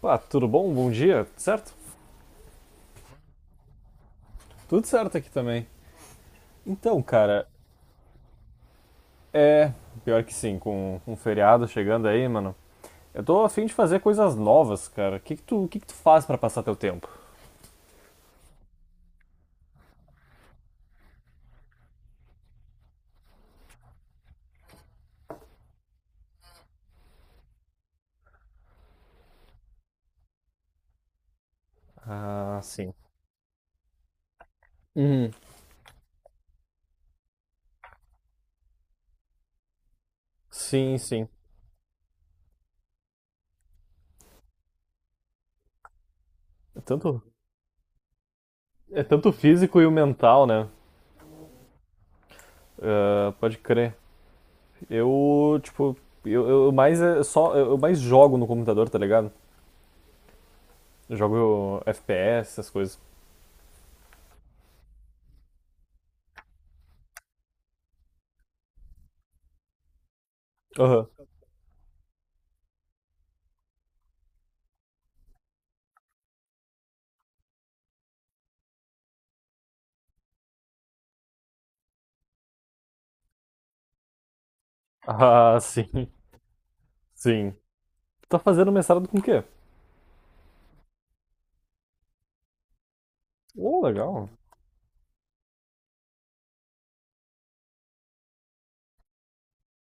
Pá, tudo bom? Bom dia, tudo certo? Tudo certo aqui também. Então, cara, é. Pior que sim, com um feriado chegando aí, mano. Eu tô afim de fazer coisas novas, cara. O que que tu, o que que tu faz pra passar teu tempo? Ah, sim. Hum, sim, sim. É tanto, é tanto o físico e o mental, né? Ah, pode crer. Eu, tipo, eu mais é só, eu mais jogo no computador, tá ligado? Eu jogo FPS, essas coisas. Aham. Ah, sim, sim. Tu tá fazendo mestrado com o quê? Ô, legal.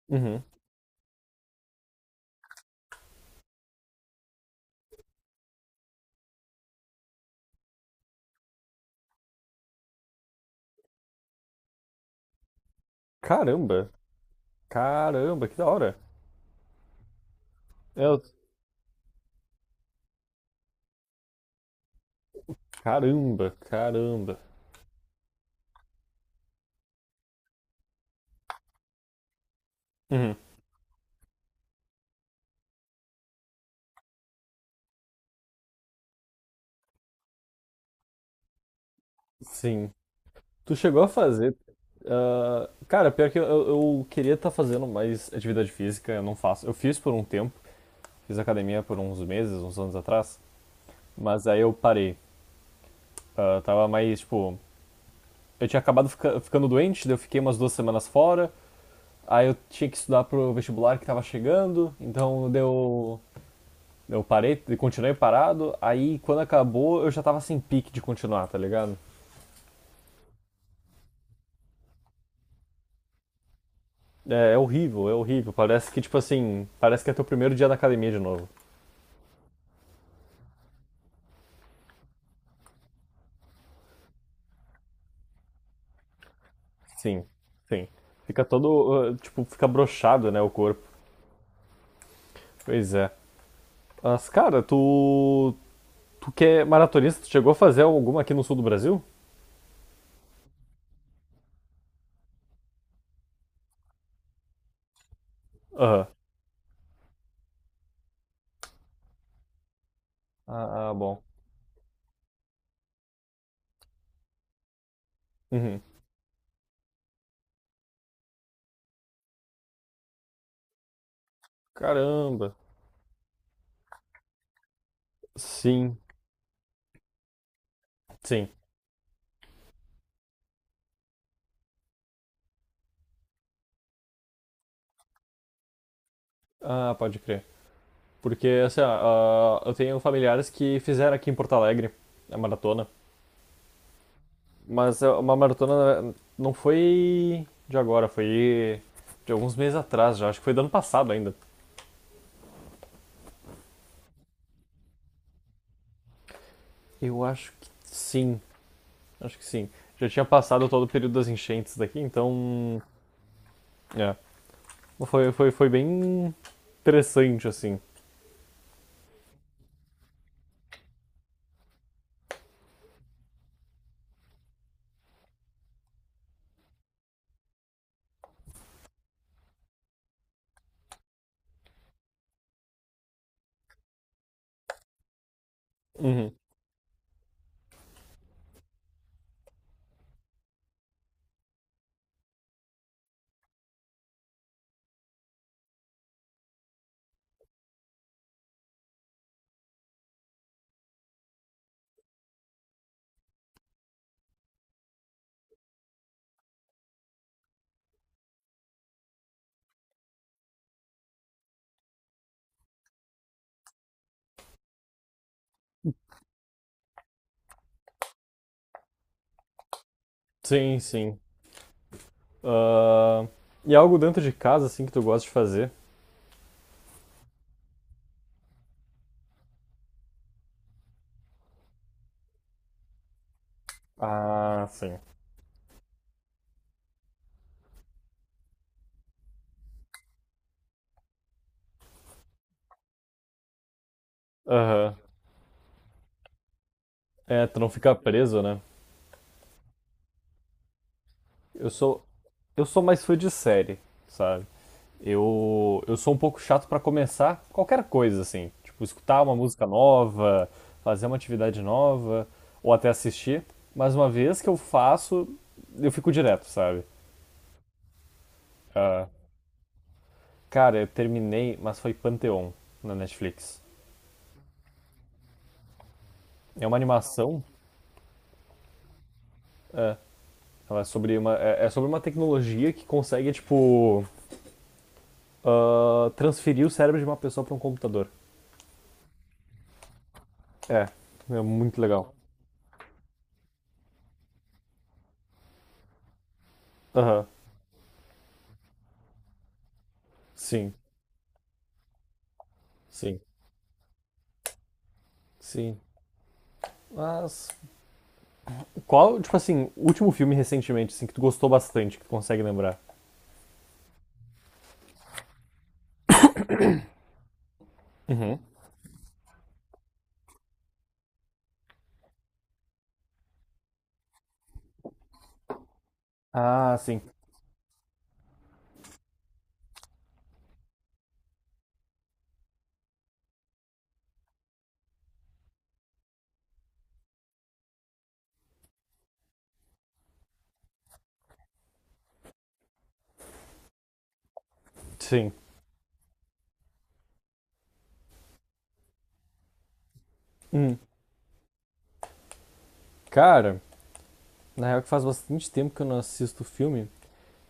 Uhum. Caramba. Caramba, que da hora. É, eu- caramba, caramba. Uhum. Sim. Tu chegou a fazer. Ah, cara, eu queria estar fazendo mais atividade física, eu não faço. Eu fiz por um tempo, fiz academia por uns meses, uns anos atrás, mas aí eu parei. Ah, tava mais, tipo. Eu tinha acabado ficando doente, daí eu fiquei umas duas semanas fora, aí eu tinha que estudar pro vestibular que tava chegando, então deu. Eu parei, continuei parado, aí quando acabou eu já tava sem pique de continuar, tá ligado? É, é horrível, é horrível. Parece que, tipo assim, parece que é teu primeiro dia na academia de novo. Sim, sim. Fica todo, tipo, fica brochado, né, o corpo. Pois é. Mas, cara, tu, tu que é maratonista, tu chegou a fazer alguma aqui no sul do Brasil? Aham. Ah, ah, bom. Uhum. Caramba. Sim, sim. Ah, pode crer. Porque, assim, ó, eu tenho familiares que fizeram aqui em Porto Alegre a maratona. Mas é uma maratona, não foi de agora, foi de alguns meses atrás já. Acho que foi do ano passado ainda. Eu acho que sim, acho que sim. Já tinha passado todo o período das enchentes daqui, então. É. Foi, foi, foi bem interessante, assim. Uhum. Sim, sim. Ah, e algo dentro de casa, assim, que tu gosta de fazer? Ah, sim. Aham. É, tu não ficar preso, né? Eu sou, eu sou mais fã de série, sabe? Eu sou um pouco chato pra começar qualquer coisa, assim. Tipo, escutar uma música nova, fazer uma atividade nova, ou até assistir. Mas uma vez que eu faço, eu fico direto, sabe? Ah, cara, eu terminei, mas foi Pantheon na Netflix. É uma animação, é, ela é sobre uma, é, é sobre uma tecnologia que consegue, tipo, ah, transferir o cérebro de uma pessoa pra um computador. É, é muito legal. Aham. Sim, sim, sim. Mas qual, tipo assim, último filme recentemente, assim, que tu gostou bastante, que tu consegue lembrar? Ah, sim, sim. Hum, cara, na real que faz bastante tempo que eu não assisto filme.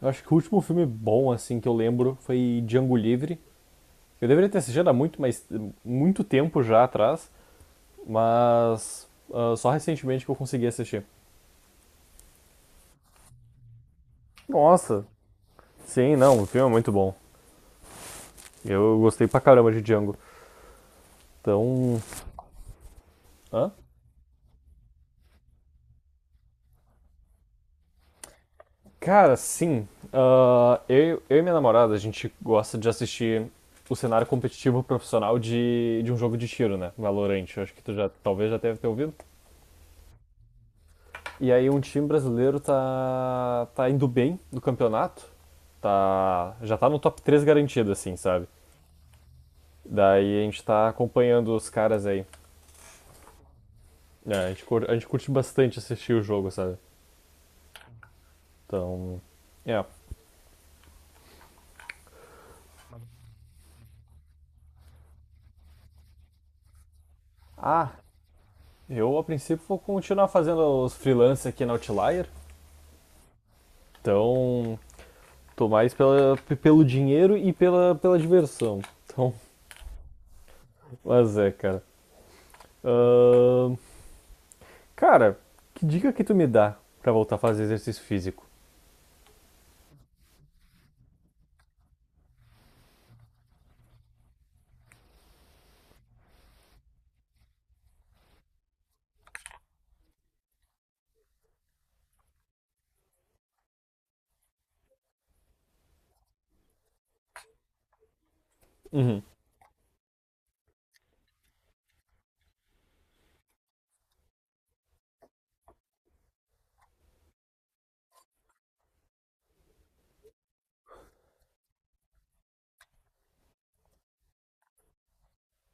Eu acho que o último filme bom, assim, que eu lembro foi Django Livre. Eu deveria ter assistido há muito, mas muito tempo já atrás, mas ah, só recentemente que eu consegui assistir. Nossa, sim, não, o filme é muito bom. Eu gostei pra caramba de Django. Então, hã? Cara, sim. Ah, eu e minha namorada, a gente gosta de assistir o cenário competitivo profissional de um jogo de tiro, né? Valorant. Eu acho que tu já, talvez já deve ter ouvido. E aí um time brasileiro tá indo bem no campeonato. Tá, já tá no top 3 garantido, assim, sabe? Daí a gente tá acompanhando os caras aí. É, a gente curte bastante assistir o jogo, sabe? Então, é. Ah, eu a princípio vou continuar fazendo os freelance aqui na Outlier. Então, tô mais pela, pelo dinheiro e pela, pela diversão. Então, mas é, cara. Ahn, cara, que dica que tu me dá pra voltar a fazer exercício físico? Uhum,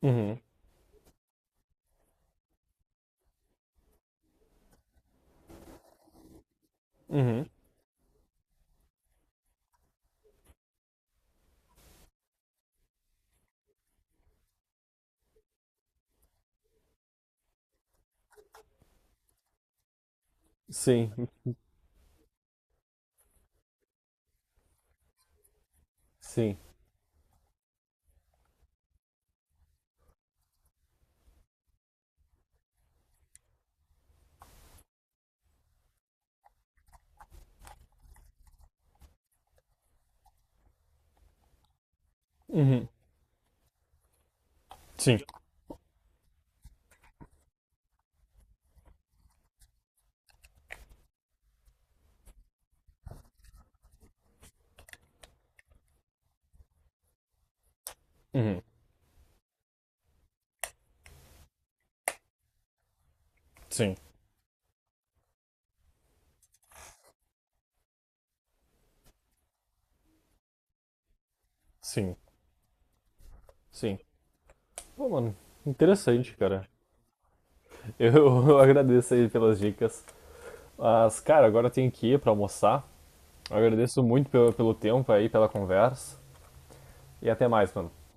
uhum, uhum. Sim, sim. Uhum, sim, uhum, sim, sim, sim. Pô, mano, interessante, cara. Eu, eu agradeço aí pelas dicas. Mas, cara, agora eu tenho que ir pra almoçar. Eu agradeço muito pelo, pelo tempo aí, pela conversa. E até mais, mano.